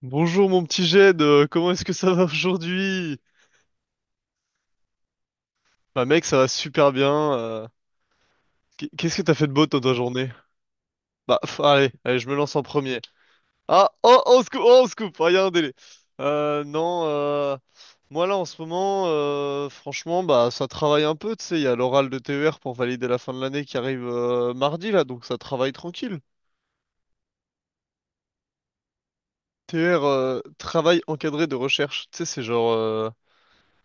Bonjour mon petit Jed, comment est-ce que ça va aujourd'hui? Bah mec, ça va super bien. Qu'est-ce que t'as fait de beau dans ta journée? Bah pff, allez, allez, je me lance en premier. Ah, oh, oh, on se coupe, oh, on se coupe, ah, y a un délai. Non, moi là en ce moment, franchement, bah ça travaille un peu, tu sais, il y a l'oral de TER pour valider la fin de l'année qui arrive mardi là, donc ça travaille tranquille. TER, travail encadré de recherche, tu sais, c'est genre...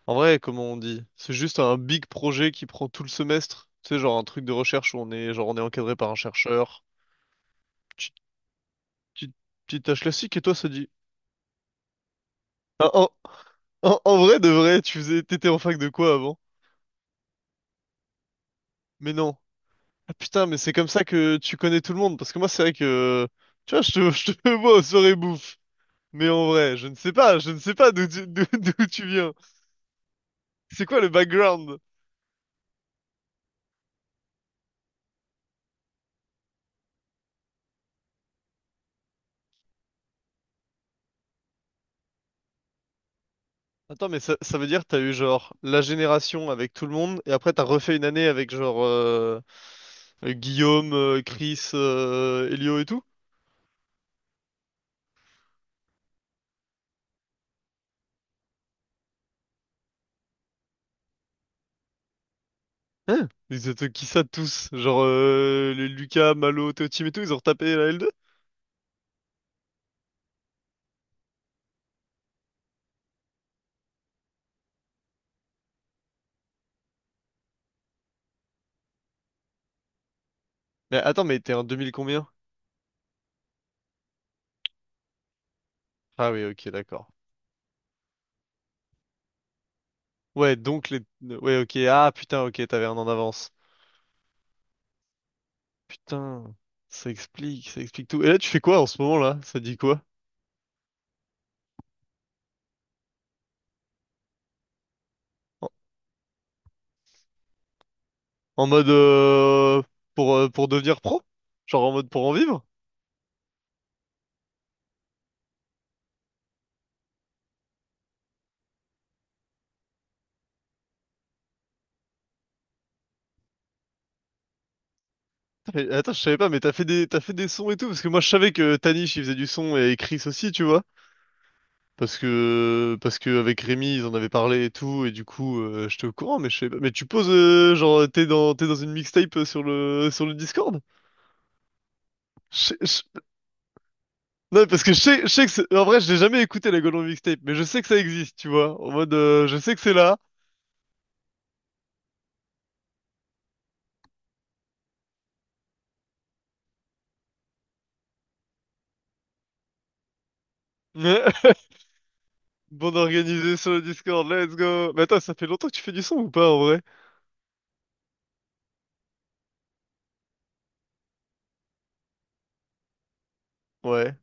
En vrai, comment on dit? C'est juste un big projet qui prend tout le semestre. Tu sais, genre un truc de recherche où on est encadré par un chercheur. Petite, petite, petite tâche classique. Et toi, ça dit. Ah, en vrai, de vrai, t'étais en fac de quoi avant? Mais non. Ah putain, mais c'est comme ça que tu connais tout le monde. Parce que moi, c'est vrai que, tu vois, je te vois aux soirées bouffe. Mais en vrai, je ne sais pas, je ne sais pas d'où tu viens. C'est quoi le background? Attends, mais ça veut dire que t'as eu genre la génération avec tout le monde, et après t'as refait une année avec genre Guillaume, Chris, Elio et tout? Hein? Ils étaient qui ça tous? Genre les Lucas, Malo, Théotime et tout, ils ont retapé la L2? Mais attends, mais t'es en 2000 combien? Ah oui, ok, d'accord. Ouais, donc les... Ouais, ok, ah putain, ok, t'avais un an d'avance. Putain, ça explique tout. Et là, tu fais quoi en ce moment là? Ça dit quoi? En, en mode... pour devenir pro? Genre en mode pour en vivre? Mais attends, je savais pas, mais t'as fait des sons et tout, parce que moi je savais que Tanish il faisait du son et Chris aussi, tu vois. Parce que avec Rémi ils en avaient parlé et tout, et du coup j'étais au courant, mais je savais pas. Mais tu poses, genre t'es dans une mixtape sur le Discord? Je- je- Non, parce que je sais que en vrai je l'ai jamais écouté la Golden Mixtape, mais je sais que ça existe, tu vois. En mode, je sais que c'est là. Bande organisée sur le Discord, let's go. Mais attends, ça fait longtemps que tu fais du son ou pas en vrai? Ouais.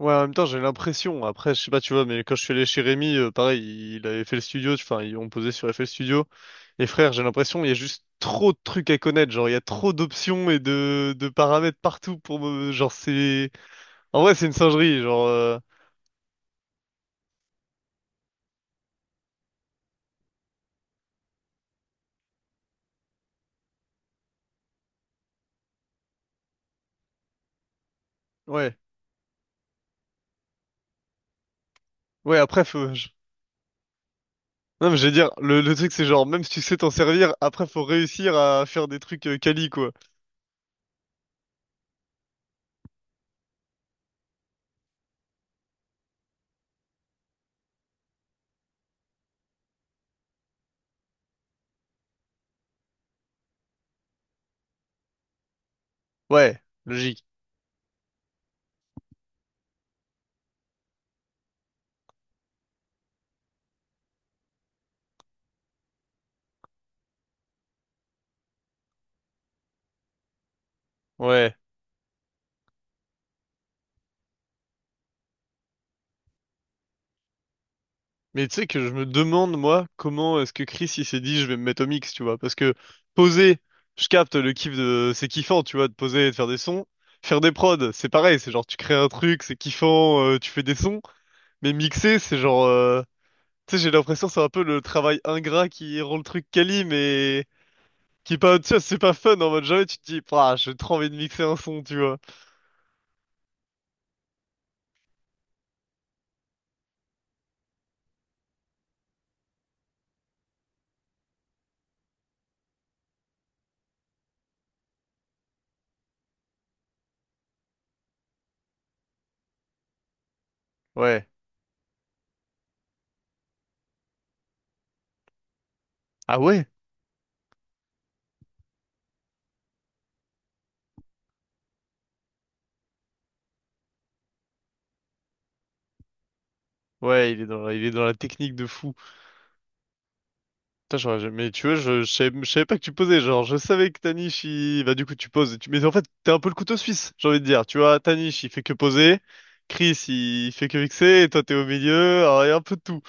Ouais, en même temps, j'ai l'impression, après, je sais pas, tu vois, mais quand je suis allé chez Rémi, pareil, il avait fait le studio, enfin, ils ont posé sur FL Studio. Et frère, j'ai l'impression, il y a juste trop de trucs à connaître, genre, il y a trop d'options et de paramètres partout pour me, genre, c'est, en vrai, c'est une singerie, genre, ouais, ouais, après, non, mais je veux dire, le truc, c'est genre, même si tu sais t'en servir, après, faut réussir à faire des trucs quali, quoi. Ouais, logique. Ouais. Mais tu sais que je me demande, moi, comment est-ce que Chris il s'est dit je vais me mettre au mix, tu vois. Parce que poser, je capte le kiff de. C'est kiffant, tu vois, de poser et de faire des sons. Faire des prods, c'est pareil, c'est genre tu crées un truc, c'est kiffant, tu fais des sons. Mais mixer, c'est genre. Tu sais, j'ai l'impression que c'est un peu le travail ingrat qui rend le truc quali, mais qui est pas. Tu vois, c'est pas fun. En mode jamais tu te dis, ah, j'ai trop envie de mixer un son, tu vois. Ouais. Ah ouais? Ouais, il est dans la technique de fou. Putain, j'aurais jamais- mais tu vois, je savais pas que tu posais. Genre, je savais que Tanich, il... Bah, du coup, tu poses. Et tu... Mais en fait, t'es un peu le couteau suisse, j'ai envie de dire. Tu vois, Tanich, il fait que poser. Chris, il fait que mixer. Et toi, t'es au milieu. Alors, il y a un peu de tout.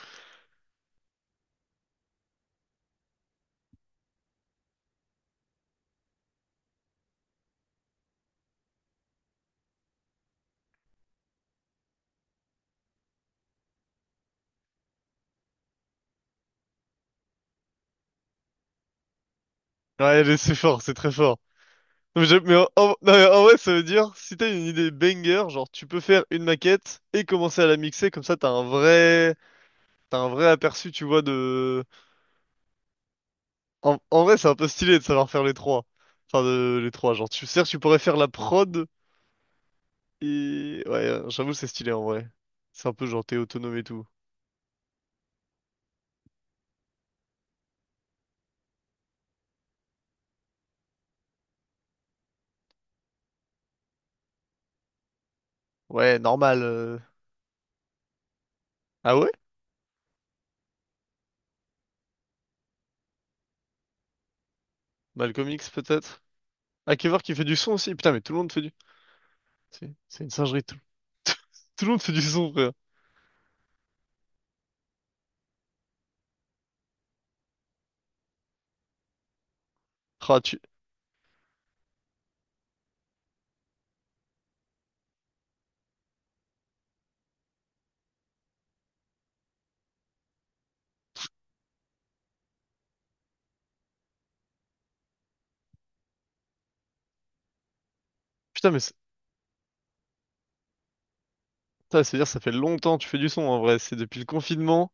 Ouais, mais c'est fort, c'est très fort. Non, mais, non, mais en vrai, ça veut dire, si t'as une idée banger, genre, tu peux faire une maquette et commencer à la mixer. Comme ça, t'as un vrai... T'as un vrai aperçu, tu vois, de... En vrai, c'est un peu stylé de savoir faire les trois. Enfin, de... les trois. Genre, tu... sais tu pourrais faire la prod... Et ouais, j'avoue, c'est stylé en vrai. C'est un peu genre t'es autonome et tout. Ouais, normal. Ah ouais? Malcolm X peut-être? Hakever qui fait du son aussi. Putain, mais tout le monde fait du. C'est une singerie. Tout... tout le monde fait du son, frère. Ah, tu... Putain, mais c'est putain, c'est-à-dire ça fait longtemps que tu fais du son en vrai. C'est depuis le confinement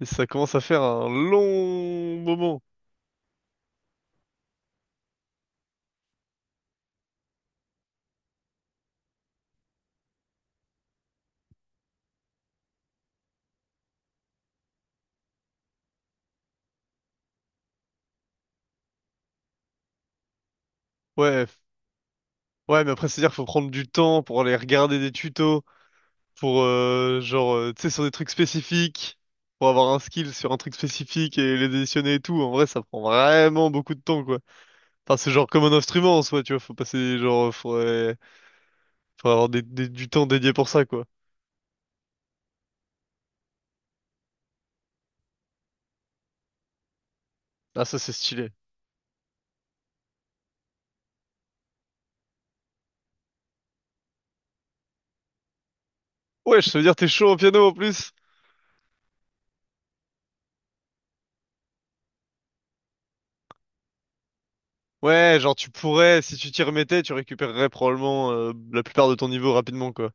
et ça commence à faire un long moment. Ouais, ouais, mais après, c'est-à-dire qu'il faut prendre du temps pour aller regarder des tutos. Pour genre tu sais, sur des trucs spécifiques, pour avoir un skill sur un truc spécifique et les additionner et tout, en vrai ça prend vraiment beaucoup de temps quoi. Enfin c'est genre comme un instrument en soi, tu vois, faut passer, genre faudrait avoir du temps dédié pour ça quoi. Ah ça c'est stylé. Ouais, je veux dire que t'es chaud au piano en plus. Ouais, genre tu pourrais, si tu t'y remettais tu récupérerais probablement la plupart de ton niveau rapidement quoi.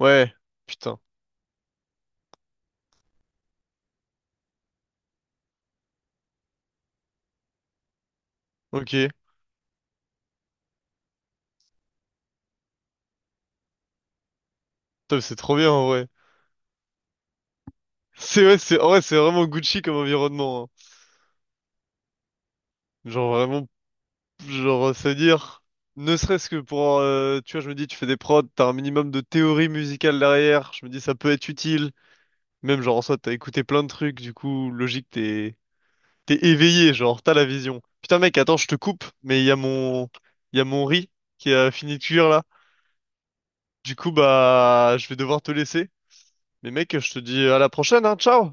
Ouais. Putain. Ok. Top, c'est trop bien en vrai. C'est, ouais, c'est en vrai, c'est vraiment Gucci comme environnement, hein. Genre vraiment. Genre, se dire, ne serait-ce que pour, tu vois, je me dis, tu fais des prods, t'as un minimum de théorie musicale derrière, je me dis, ça peut être utile. Même, genre, en soi, t'as écouté plein de trucs, du coup, logique, t'es éveillé, genre, t'as la vision. Putain, mec, attends, je te coupe, mais il y a mon riz qui a fini de cuire, là. Du coup, bah, je vais devoir te laisser. Mais mec, je te dis à la prochaine, hein, ciao!